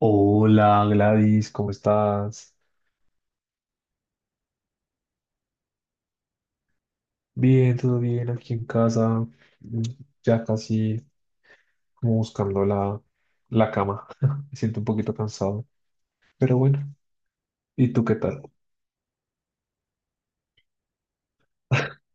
Hola Gladys, ¿cómo estás? Bien, todo bien aquí en casa, mm, ya casi como buscando la cama. Me siento un poquito cansado, pero bueno, ¿y tú qué tal?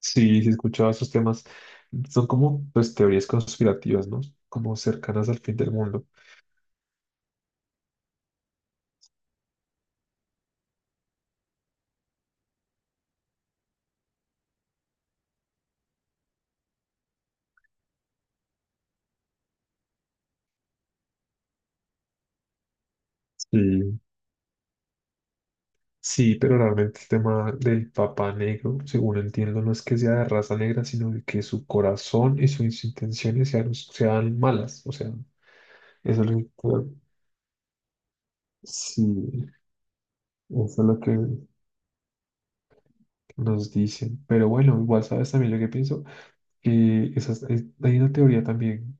Sí, sí, escuchaba esos temas. Son como pues, teorías conspirativas, ¿no? Como cercanas al fin del mundo. Sí. Sí, pero realmente el tema del Papa Negro, según entiendo, no es que sea de raza negra, sino de que su corazón y sus intenciones sean, sean malas. O sea, eso es lo sí, eso es lo que nos dicen. Pero bueno, igual sabes también lo que pienso, que hay una teoría también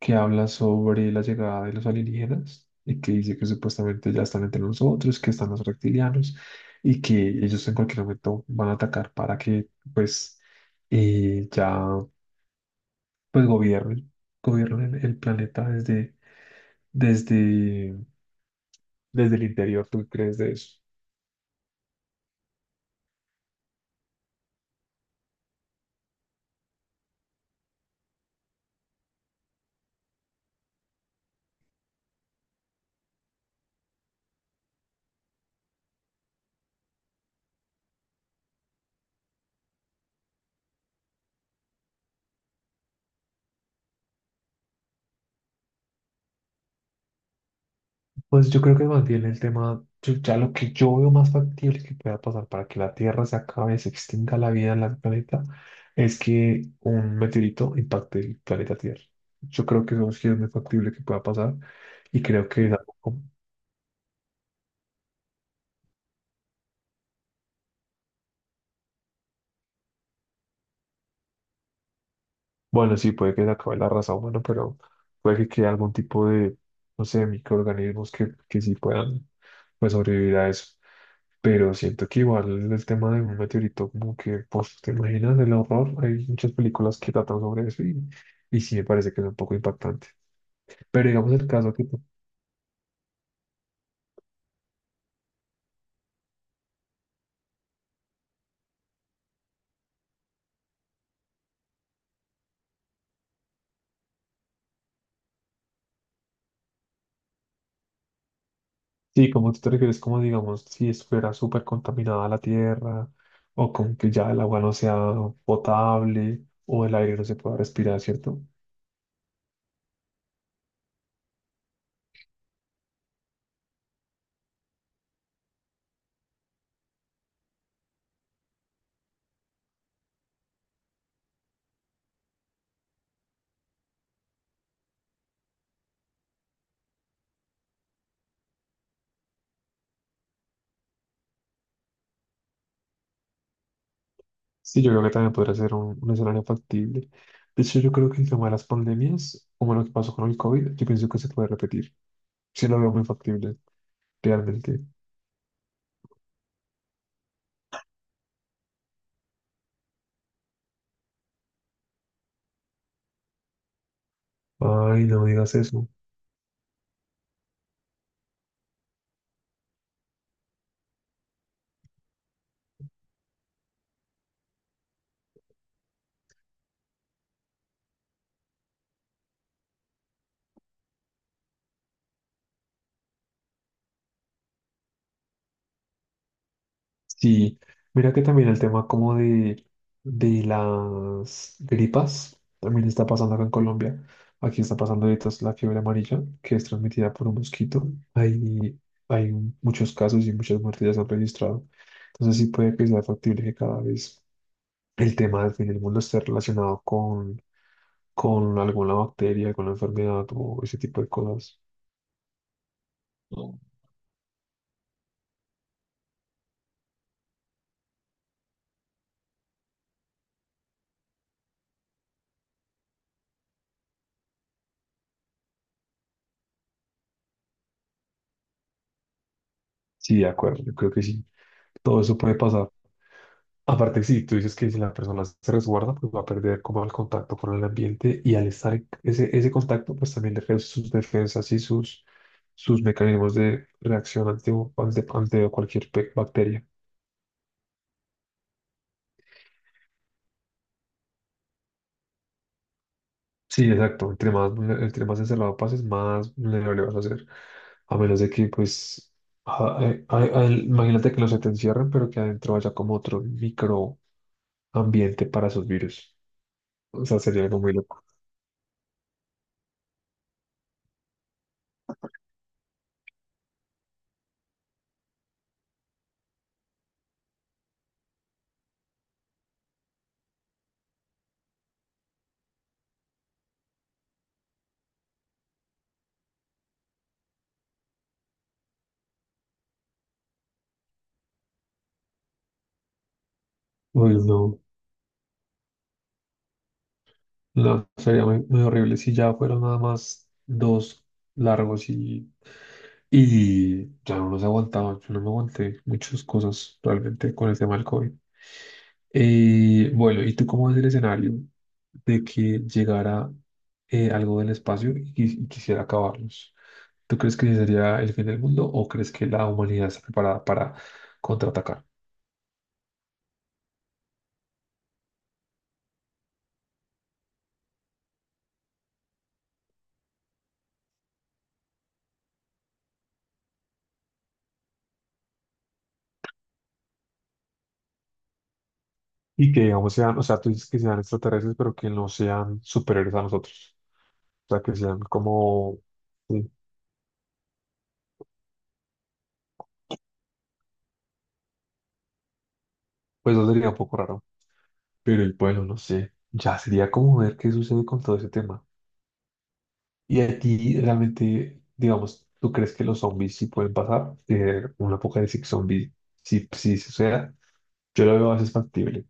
que habla sobre la llegada de los alienígenas y que dice que supuestamente ya están entre nosotros, que están los reptilianos y que ellos en cualquier momento van a atacar para que pues ya pues gobiernen el planeta desde, desde el interior. ¿Tú crees de eso? Pues yo creo que más bien el tema, ya lo que yo veo más factible que pueda pasar para que la Tierra se acabe, se extinga la vida en el planeta, es que un meteorito impacte el planeta Tierra. Yo creo que eso sí es muy factible que pueda pasar y creo que es algo bueno, sí, puede que se acabe la raza humana, pero puede que quede algún tipo de, no sé, microorganismos que sí puedan pues, sobrevivir a eso. Pero siento que igual el tema de un meteorito, como que, pues, ¿te imaginas el horror? Hay muchas películas que tratan sobre eso y sí me parece que es un poco impactante. Pero digamos el caso que, sí, como tú te refieres, como digamos, si estuviera súper contaminada la tierra, o con que ya el agua no sea potable, o el aire no se pueda respirar, ¿cierto? Sí, yo creo que también podría ser un escenario factible. De hecho, yo creo que el tema de las pandemias, como lo que pasó con el COVID, yo pienso que se puede repetir. Sí lo veo muy factible, realmente. Ay, no digas eso. Sí, mira que también el tema como de las gripas también está pasando acá en Colombia. Aquí está pasando ahorita es la fiebre amarilla, que es transmitida por un mosquito. Hay, hay muchos casos y muchas muertes ya se han registrado. Entonces sí puede que sea factible que cada vez el tema del fin del mundo esté relacionado con alguna bacteria, con la enfermedad o ese tipo de cosas. Sí, de acuerdo, yo creo que sí. Todo eso puede pasar. Aparte, si tú dices que si la persona se resguarda, pues va a perder como el contacto con el ambiente y al estar en ese contacto, pues también le reduce sus defensas y sus, sus mecanismos de reacción ante cualquier bacteria. Sí, exacto. Entre más, entre más encerrado pases, más vulnerable vas a ser. A menos de que, pues, a- imagínate que no se te encierren, pero que adentro haya como otro microambiente para esos virus. O sea, sería algo muy loco. Uy, no. No, sería muy, muy horrible si ya fueron nada más dos largos y ya no nos aguantaba. Yo no me aguanté muchas cosas realmente con el tema del COVID. Bueno, ¿y tú cómo ves el escenario de que llegara algo del espacio y y quisiera acabarlos? ¿Tú crees que ese sería el fin del mundo o crees que la humanidad está preparada para contraatacar? Y que, digamos, sean, o sea, tú dices que sean extraterrestres, pero que no sean superiores a nosotros. Sea, que sean como, sí, pues eso sería un poco raro. Pero y bueno, no sé, ya sería como ver qué sucede con todo ese tema. Y a ti realmente, digamos, ¿tú crees que los zombies sí pueden pasar? Un apocalipsis zombie, sí, sí suceda. Yo lo veo más factible.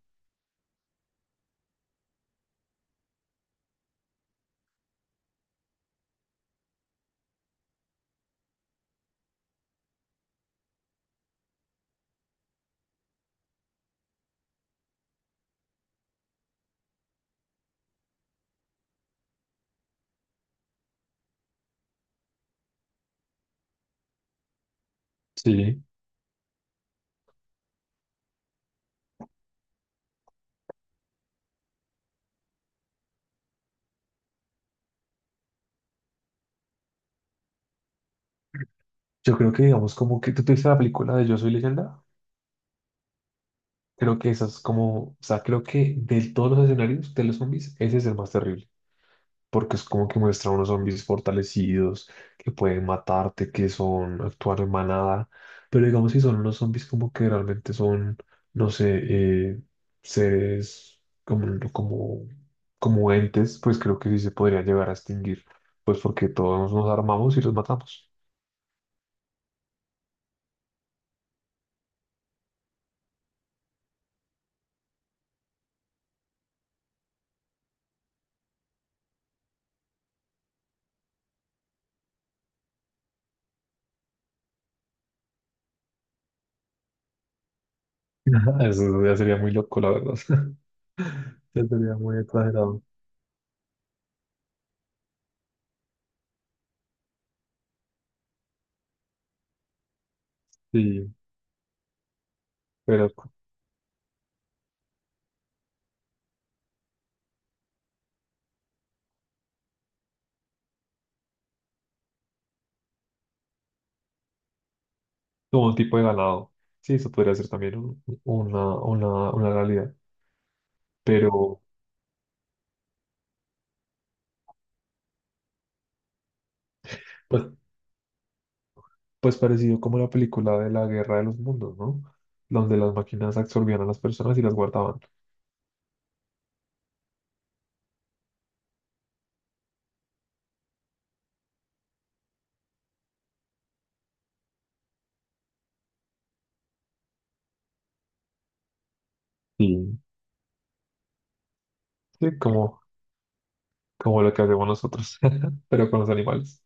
Sí. Yo creo que, digamos, como que tú te viste la película de Yo Soy Leyenda, creo que esa es como, o sea, creo que de todos los escenarios de los zombies, ese es el más terrible. Porque es como que muestra unos zombies fortalecidos que pueden matarte, que son actuar en manada, pero digamos si son unos zombies como que realmente son, no sé, seres como, como, como entes, pues creo que sí se podría llegar a extinguir, pues porque todos nos armamos y los matamos. Eso ya sería muy loco, la verdad. Ya sería muy exagerado. Sí, pero como un tipo de ganado. Sí, eso podría ser también una realidad. Pero pues, pues parecido como la película de la Guerra de los Mundos, ¿no? Donde las máquinas absorbían a las personas y las guardaban. Sí. Sí, como, como lo que hacemos nosotros, pero con los animales.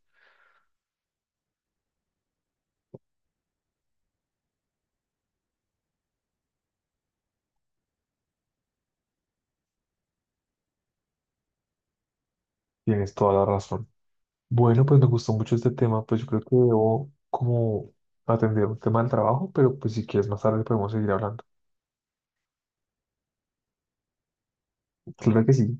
Tienes toda la razón. Bueno, pues me gustó mucho este tema, pues yo creo que debo como atender un tema del trabajo, pero pues si quieres más tarde podemos seguir hablando. Claro que sí.